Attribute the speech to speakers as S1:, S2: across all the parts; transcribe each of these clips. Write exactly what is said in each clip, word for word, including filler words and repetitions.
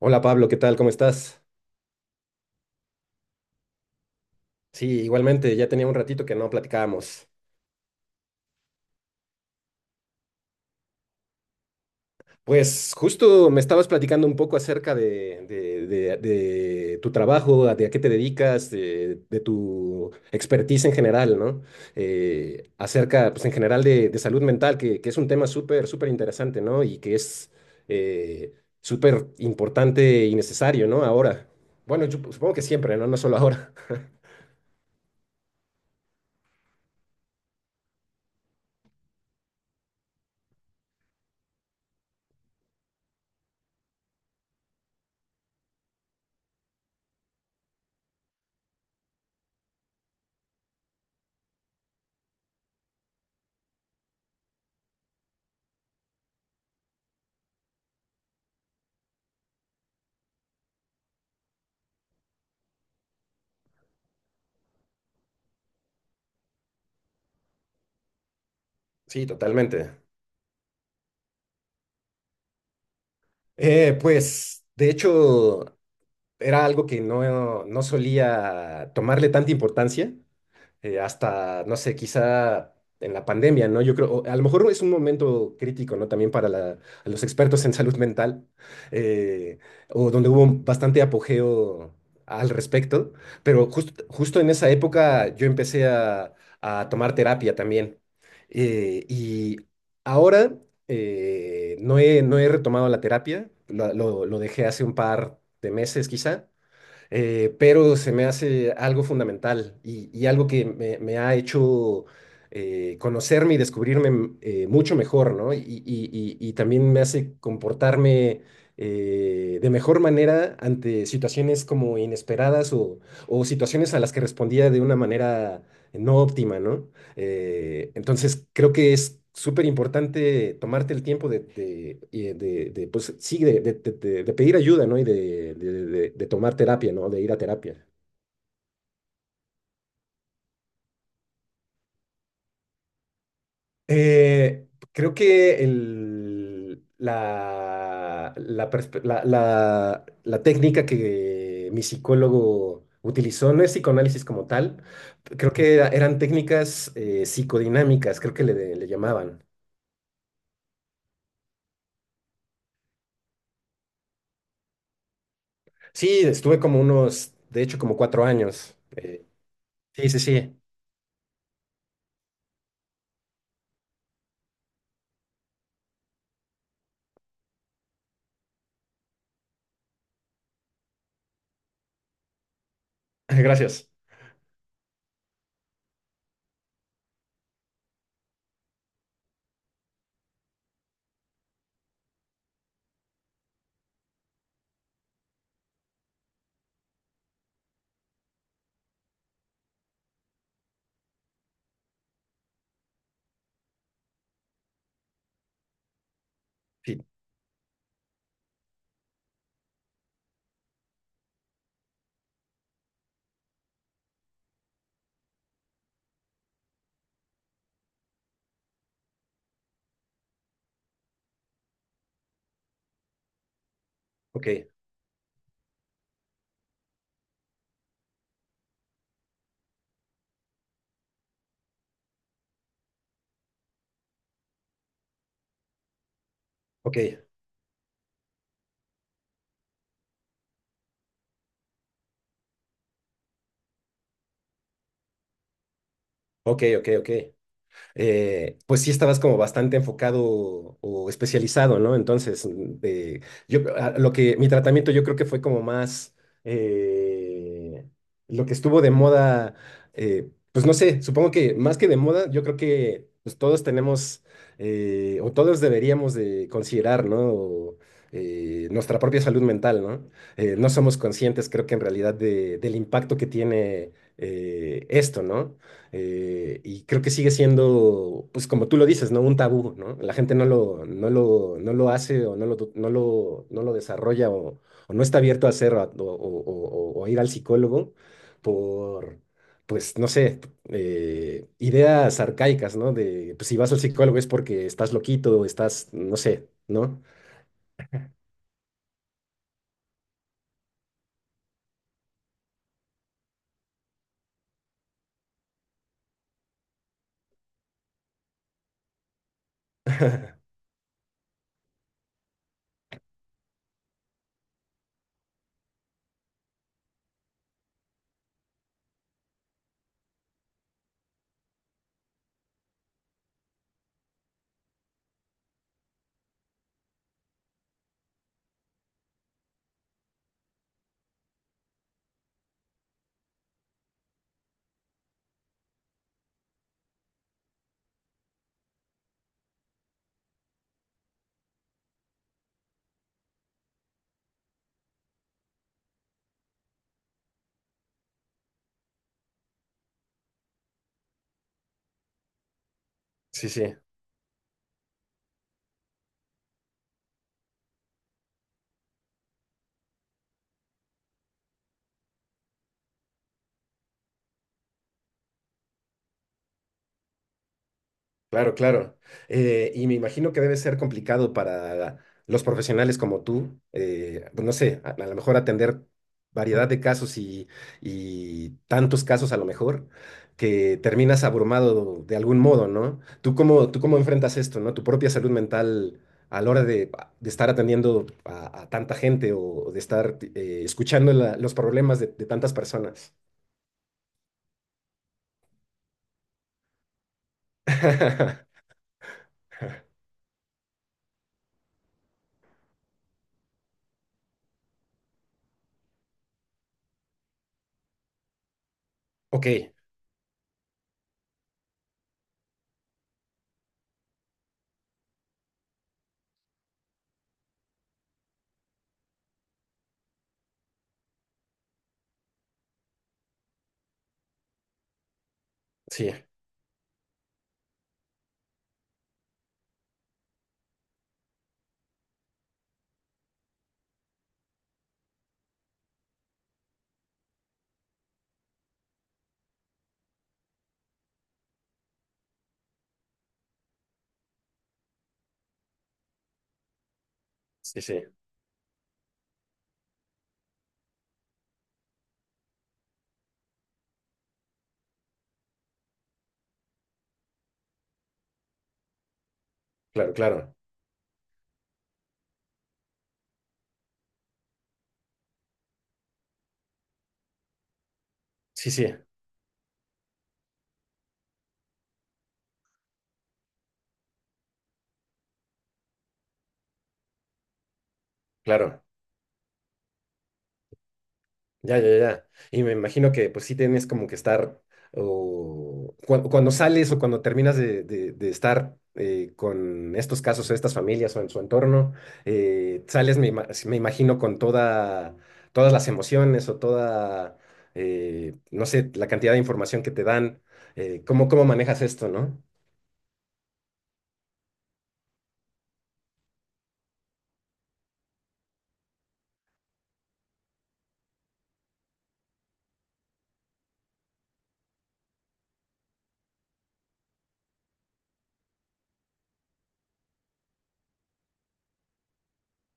S1: Hola Pablo, ¿qué tal? ¿Cómo estás? Sí, igualmente, ya tenía un ratito que no platicábamos. Pues justo me estabas platicando un poco acerca de, de- de- de tu trabajo, a- de a qué te dedicas, de, de tu expertise en general, ¿no? Eh, acerca, pues en general, de, de salud mental, que, que es un tema súper, súper interesante, ¿no? Y que es, eh, súper importante y necesario, ¿no? Ahora. Bueno, yo supongo que siempre, ¿no? No solo ahora. Sí, totalmente. Eh, pues, de hecho, era algo que no, no solía tomarle tanta importancia, eh, hasta, no sé, quizá en la pandemia, ¿no? Yo creo, o a lo mejor es un momento crítico, ¿no? También para la- los expertos en salud mental, eh, o donde hubo un bastante apogeo al respecto, pero justo justo en esa época yo empecé a, a tomar terapia también. Eh, y ahora, eh, no he, no he retomado la terapia, la- lo lo dejé hace un par de meses quizá, eh, pero se me hace algo fundamental y, y algo que me, me ha hecho eh, conocerme y descubrirme m- eh, mucho mejor, ¿no? Y, y- y- y también me hace comportarme, eh, de mejor manera ante situaciones como inesperadas o, o situaciones a las que respondía de una manera no óptima, ¿no? Eh, entonces, creo que es súper importante tomarte el tiempo de, de, y de- de, pues, sí, de, de- de- de- de pedir ayuda, ¿no? Y de, de- de- de tomar terapia, ¿no? De ir a terapia. Eh, creo que el- la, la, perspe- la- la- la técnica que mi psicólogo utilizó no es psicoanálisis como tal, creo que era- eran técnicas, eh, psicodinámicas, creo que le, le llamaban. Sí, estuve como unos, de hecho, como cuatro años. Eh, sí, sí, sí. Gracias. Sí, ok, ok, ok, ok, ok. eh, pues sí estabas como bastante enfocado o especializado, ¿no? Entonces, mm, eh, yo, a- lo que, mi tratamiento yo creo que fue como más, eh, lo que estuvo de moda, eh, pues no sé, supongo que más que de moda, yo creo que pues todos tenemos, eh, o todos deberíamos de considerar, ¿no? eh, nuestra propia salud mental, ¿no? Eh, no somos conscientes, creo que en realidad, de- del impacto que tiene eh, esto, ¿no? Eh, y creo que sigue siendo, pues como tú lo dices, ¿no? Un tabú, ¿no? La gente no lo, no lo, no lo hace o no lo, no lo, no lo desarrolla o, o no está abierto a hacerlo, a- o, o- o- o a ir al psicólogo por, pues, no sé, eh, ideas arcaicas, ¿no? De, pues si vas al psicólogo es porque estás loquito o estás, no sé, ¿no? Sí, sí. Claro, claro. Eh, y me imagino que debe ser complicado para los profesionales como tú, eh, pues no sé, a, a lo mejor atender variedad de casos y, y tantos casos a lo mejor, que terminas abrumado de algún modo, ¿no? ¿Tú cómo, tú cómo enfrentas esto? ¿No? Tu propia salud mental a la hora de, de estar atendiendo a, a tanta gente o, o de estar, eh, escuchando la- los problemas de, de tantas personas. Ok, sí, sí, sí, claro, claro. Sí, sí. Claro, ya, ya, ya. Y me imagino que pues sí tienes como que estar, o cuan- cuando sales o cuando terminas de, de- de estar, eh, con estos casos o estas familias o en su entorno, eh, sales, me, ima- me imagino, con toda, todas las emociones o toda, eh, no sé, la cantidad de información que te dan, eh, ¿cómo, cómo manejas esto, ¿no?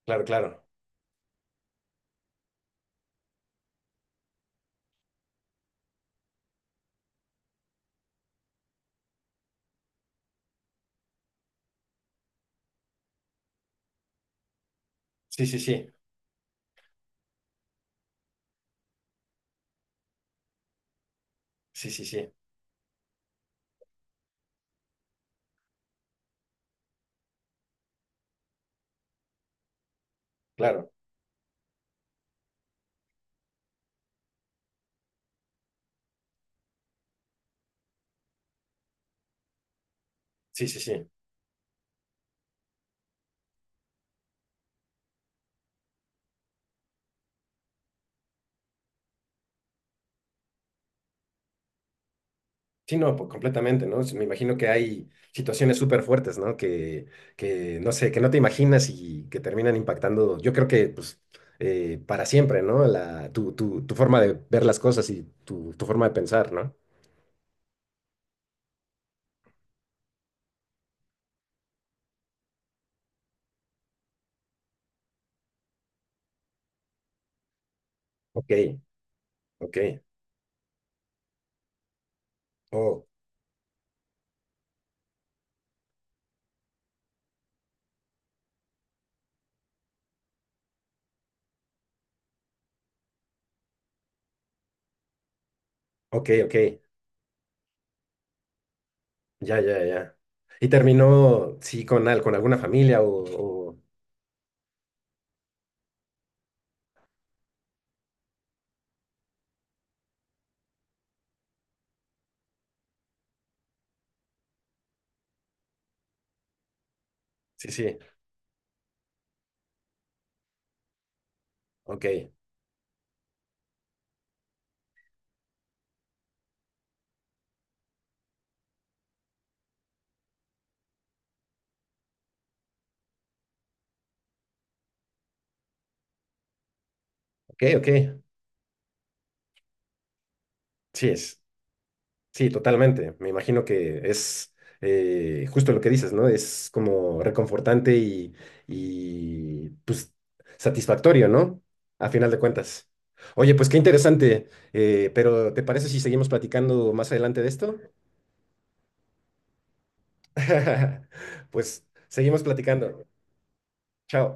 S1: Claro, claro. Sí, sí, sí. Sí, sí, sí. Claro. Sí, sí, sí. Sí, no, pues, completamente, ¿no? Sí. Me imagino que hay situaciones súper fuertes, ¿no? Que, que, no sé, que no te imaginas y que terminan impactando, yo creo que, pues, eh, para siempre, ¿no? La, tu, tu, tu forma de ver las cosas y tu, tu forma de pensar, ¿no? Ok, ok, oh, ok, ok, ya, ya, ya. Y terminó, sí, con, al- con alguna familia o, o- Sí, sí, ok, ok, ok, sí, es. Sí, totalmente. Me imagino que es, eh, justo lo que dices, ¿no? Es como reconfortante y, y, pues satisfactorio, ¿no? A final de cuentas. Oye, pues qué interesante. eh, pero ¿te parece si seguimos platicando más adelante de esto? Pues seguimos platicando. Chao.